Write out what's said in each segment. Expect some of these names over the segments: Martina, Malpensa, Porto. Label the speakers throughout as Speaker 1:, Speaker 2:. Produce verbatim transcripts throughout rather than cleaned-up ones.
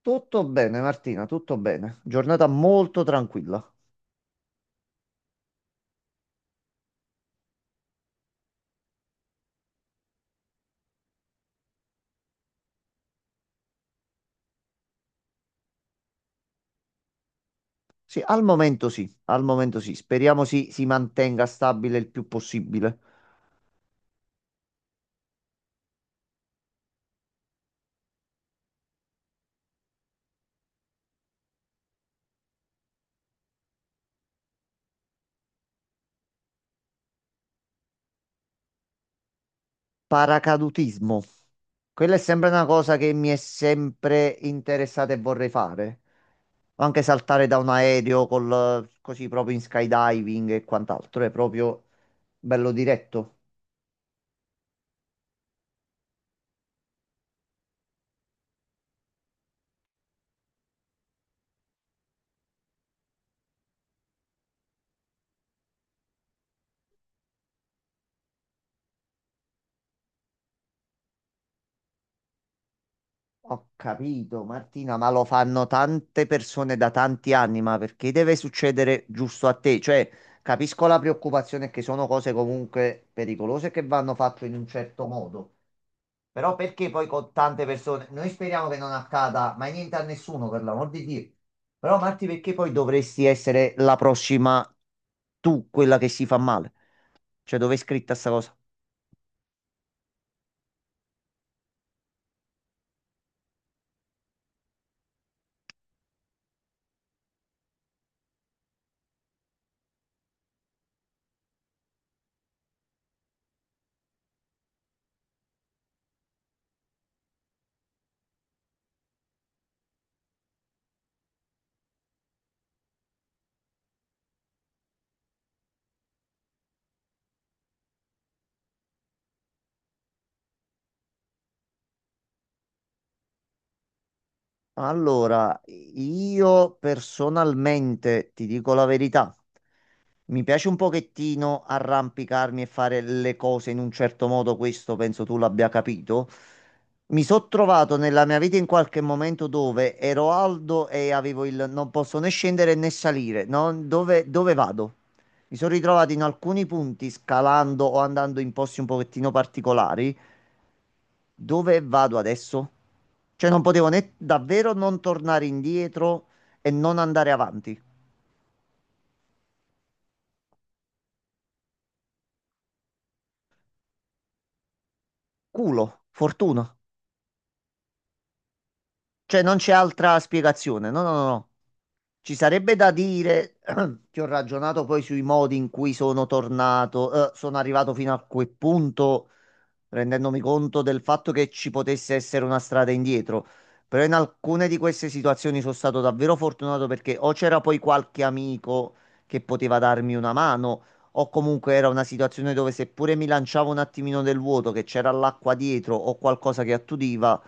Speaker 1: Tutto bene, Martina, tutto bene. Giornata molto tranquilla. Sì, al momento sì, al momento sì. Speriamo si, si mantenga stabile il più possibile. Paracadutismo. Quella è sempre una cosa che mi è sempre interessata e vorrei fare. O anche saltare da un aereo col, così proprio in skydiving e quant'altro. È proprio bello diretto. Ho capito, Martina, ma lo fanno tante persone da tanti anni, ma perché deve succedere giusto a te? Cioè, capisco la preoccupazione che sono cose comunque pericolose che vanno fatte in un certo modo, però perché poi con tante persone, noi speriamo che non accada mai niente a nessuno, per l'amor di Dio. Però Marti, perché poi dovresti essere la prossima tu, quella che si fa male? Cioè, dove è scritta sta cosa? Allora, io personalmente ti dico la verità. Mi piace un pochettino arrampicarmi e fare le cose in un certo modo, questo penso tu l'abbia capito. Mi sono trovato nella mia vita in qualche momento dove ero alto e avevo il non posso né scendere né salire, no? Dove, dove vado? Mi sono ritrovato in alcuni punti scalando o andando in posti un pochettino particolari. Dove vado adesso? Cioè non potevo né davvero non tornare indietro e non andare avanti. Culo, fortuna. Cioè, non c'è altra spiegazione. No, no, no. No. Ci sarebbe da dire che ho ragionato poi sui modi in cui sono tornato, eh, sono arrivato fino a quel punto rendendomi conto del fatto che ci potesse essere una strada indietro. Però in alcune di queste situazioni sono stato davvero fortunato perché o c'era poi qualche amico che poteva darmi una mano, o comunque era una situazione dove seppure mi lanciavo un attimino nel vuoto, che c'era l'acqua dietro o qualcosa che attudiva,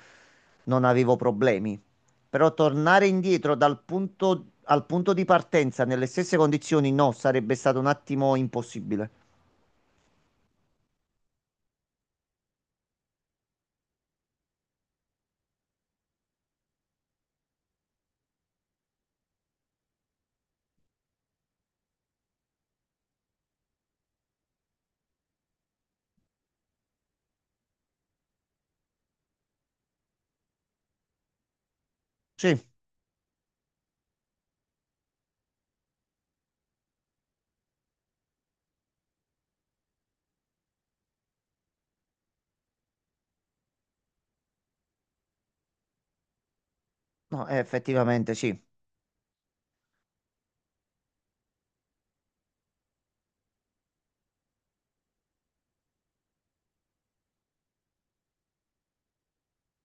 Speaker 1: non avevo problemi. Però tornare indietro dal punto, al punto di partenza nelle stesse condizioni, no, sarebbe stato un attimo impossibile. Sì, no, eh, effettivamente sì.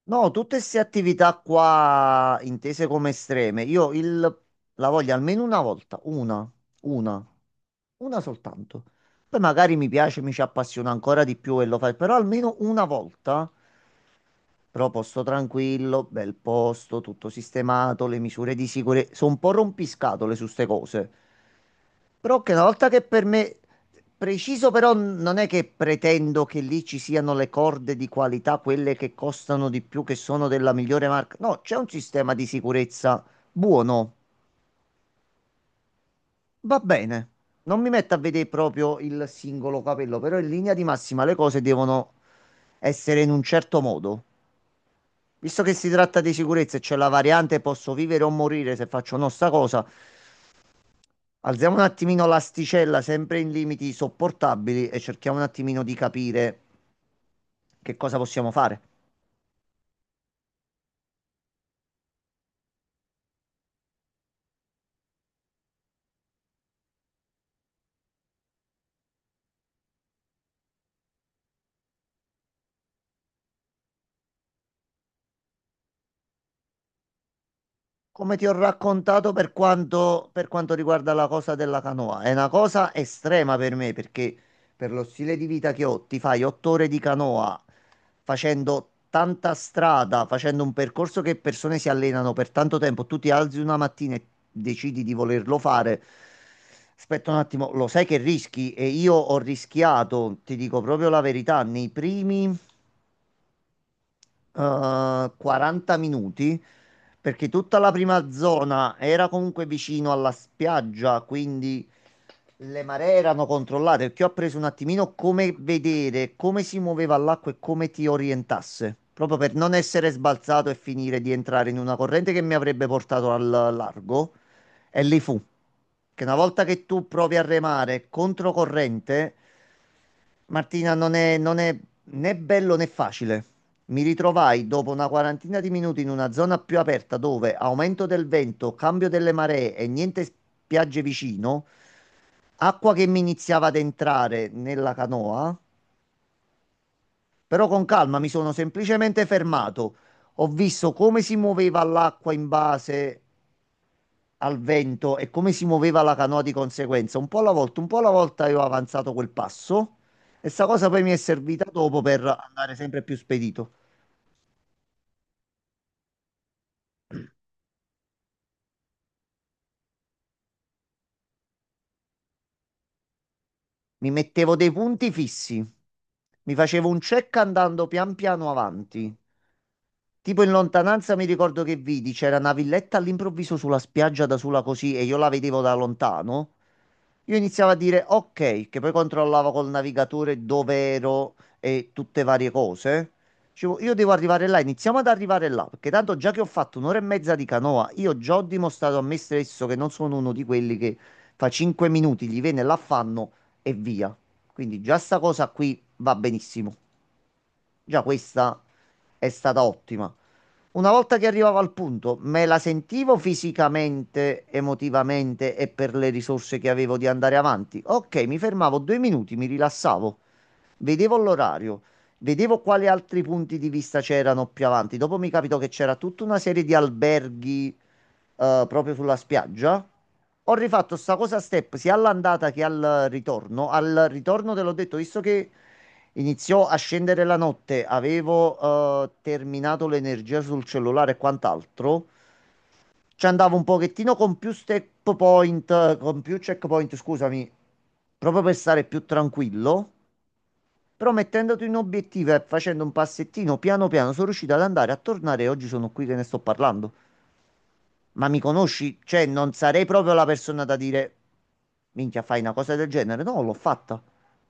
Speaker 1: No, tutte queste attività qua intese come estreme, io il- la voglio almeno una volta, una, una, una soltanto. Poi magari mi piace, mi ci appassiona ancora di più e lo fai, però almeno una volta, però posto tranquillo, bel posto, tutto sistemato, le misure di sicurezza, sono un po' rompiscatole su ste cose. Però che una volta che per me, preciso però non è che pretendo che lì ci siano le corde di qualità, quelle che costano di più, che sono della migliore marca. No, c'è un sistema di sicurezza buono, va bene. Non mi metto a vedere proprio il singolo capello, però in linea di massima le cose devono essere in un certo modo. Visto che si tratta di sicurezza e c'è la variante posso vivere o morire se faccio no sta cosa, alziamo un attimino l'asticella, sempre in limiti sopportabili, e cerchiamo un attimino di capire che cosa possiamo fare. Come ti ho raccontato per quanto, per quanto riguarda la cosa della canoa, è una cosa estrema per me perché per lo stile di vita che ho, ti fai otto ore di canoa facendo tanta strada, facendo un percorso che persone si allenano per tanto tempo, tu ti alzi una mattina e decidi di volerlo fare. Aspetta un attimo, lo sai che rischi? E io ho rischiato, ti dico proprio la verità, nei primi eh, quaranta minuti perché tutta la prima zona era comunque vicino alla spiaggia, quindi le maree erano controllate, perché io ho preso un attimino come vedere come si muoveva l'acqua e come ti orientasse, proprio per non essere sbalzato e finire di entrare in una corrente che mi avrebbe portato al largo. E lì fu, che una volta che tu provi a remare controcorrente Martina, non è, non è né bello né facile. Mi ritrovai dopo una quarantina di minuti in una zona più aperta dove aumento del vento, cambio delle maree e niente spiagge vicino, acqua che mi iniziava ad entrare nella canoa, però con calma mi sono semplicemente fermato. Ho visto come si muoveva l'acqua in base al vento e come si muoveva la canoa di conseguenza, un po' alla volta, un po' alla volta io ho avanzato quel passo e sta cosa poi mi è servita dopo per andare sempre più spedito. Mi mettevo dei punti fissi, mi facevo un check andando pian piano avanti. Tipo in lontananza mi ricordo che vidi, c'era una villetta all'improvviso sulla spiaggia da sola così e io la vedevo da lontano. Io iniziavo a dire ok, che poi controllavo col navigatore dove ero e tutte varie cose. Dicevo, io devo arrivare là, iniziamo ad arrivare là, perché tanto già che ho fatto un'ora e mezza di canoa, io già ho dimostrato a me stesso che non sono uno di quelli che fa cinque minuti, gli viene l'affanno e via. Quindi già sta cosa qui va benissimo. Già questa è stata ottima. Una volta che arrivavo al punto, me la sentivo fisicamente, emotivamente e per le risorse che avevo di andare avanti. Ok, mi fermavo due minuti, mi rilassavo, vedevo l'orario, vedevo quali altri punti di vista c'erano più avanti. Dopo mi capito che c'era tutta una serie di alberghi eh, proprio sulla spiaggia. Ho rifatto sta cosa a step sia all'andata che al ritorno. Al ritorno te l'ho detto, visto che iniziò a scendere la notte, avevo eh, terminato l'energia sul cellulare e quant'altro. Ci andavo un pochettino con più step point, con più checkpoint, scusami, proprio per stare più tranquillo. Però mettendoti un obiettivo e facendo un passettino piano piano sono riuscito ad andare a tornare e oggi sono qui che ne sto parlando. Ma mi conosci? Cioè, non sarei proprio la persona da dire, minchia, fai una cosa del genere. No, l'ho fatta.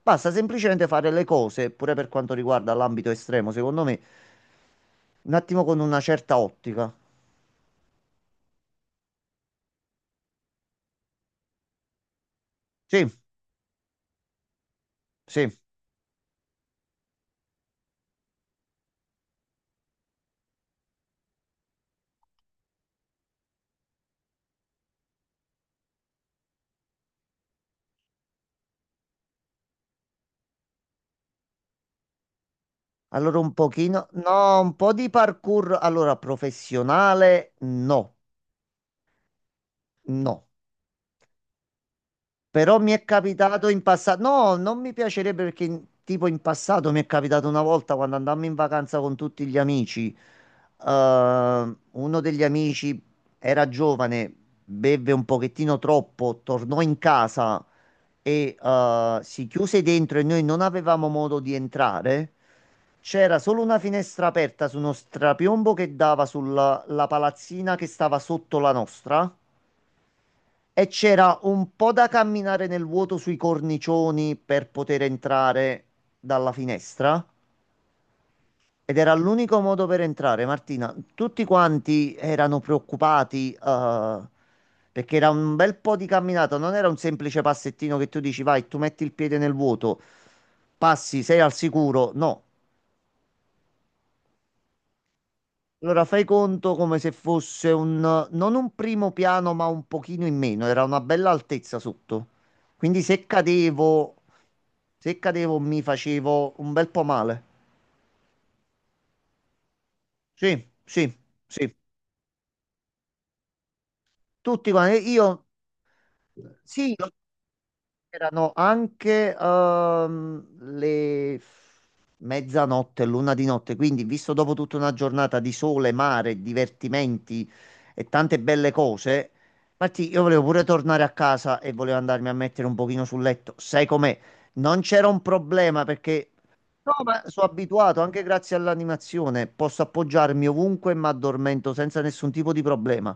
Speaker 1: Basta semplicemente fare le cose, pure per quanto riguarda l'ambito estremo, secondo me, un attimo con una certa ottica. Sì, sì. Allora un pochino, no, un po' di parkour, allora professionale, no, no. Però mi è capitato in passato, no, non mi piacerebbe perché in- tipo in passato mi è capitato una volta quando andammo in vacanza con tutti gli amici, eh, uno degli amici era giovane, beve un pochettino troppo, tornò in casa e eh, si chiuse dentro e noi non avevamo modo di entrare. C'era solo una finestra aperta su uno strapiombo che dava sulla la palazzina che stava sotto la nostra. E c'era un po' da camminare nel vuoto sui cornicioni per poter entrare dalla finestra. Ed era l'unico modo per entrare, Martina. Tutti quanti erano preoccupati, eh, perché era un bel po' di camminata. Non era un semplice passettino che tu dici, vai, tu metti il piede nel vuoto, passi, sei al sicuro. No, allora, fai conto come se fosse un, non un primo piano, ma un pochino in meno, era una bella altezza sotto. Quindi se cadevo, se cadevo mi facevo un bel po' male. Sì, sì, sì. Tutti quanti, io, sì, erano anche ehm, le mezzanotte, l'una di notte, quindi visto dopo tutta una giornata di sole, mare, divertimenti e tante belle cose, Martì, io volevo pure tornare a casa e volevo andarmi a mettere un pochino sul letto. Sai com'è? Non c'era un problema perché no, ma sono abituato, anche grazie all'animazione, posso appoggiarmi ovunque e mi addormento senza nessun tipo di problema.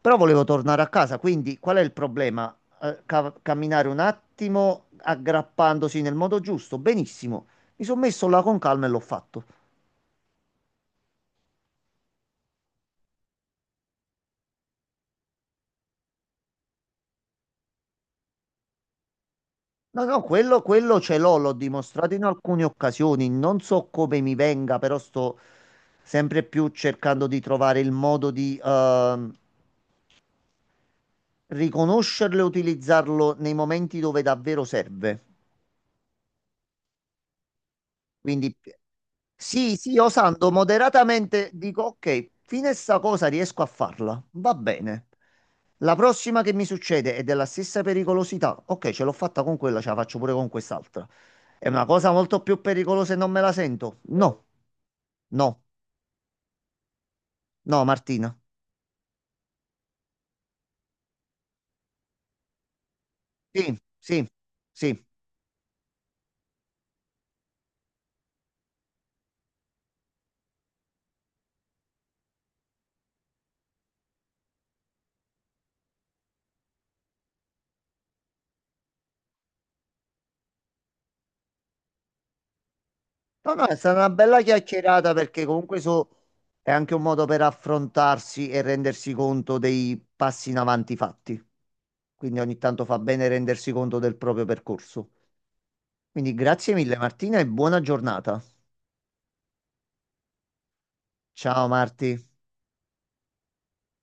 Speaker 1: Però volevo tornare a casa, quindi qual è il problema? Eh, ca- camminare un attimo aggrappandosi nel modo giusto, benissimo. Mi sono messo là con calma e l'ho fatto. No, no, quello, quello ce l'ho, l'ho dimostrato in alcune occasioni. Non so come mi venga, però sto sempre più cercando di trovare il modo di ehm, riconoscerlo e utilizzarlo nei momenti dove davvero serve. Quindi sì, sì, osando moderatamente dico, ok, fino a sta cosa riesco a farla, va bene. La prossima che mi succede è della stessa pericolosità. Ok, ce l'ho fatta con quella, ce la faccio pure con quest'altra. È una cosa molto più pericolosa e non me la sento. No, no, no, Martina. Sì, sì, sì. No, no, è stata una bella chiacchierata perché comunque so, è anche un modo per affrontarsi e rendersi conto dei passi in avanti fatti. Quindi ogni tanto fa bene rendersi conto del proprio percorso. Quindi grazie mille Martina e buona giornata. Ciao Marti.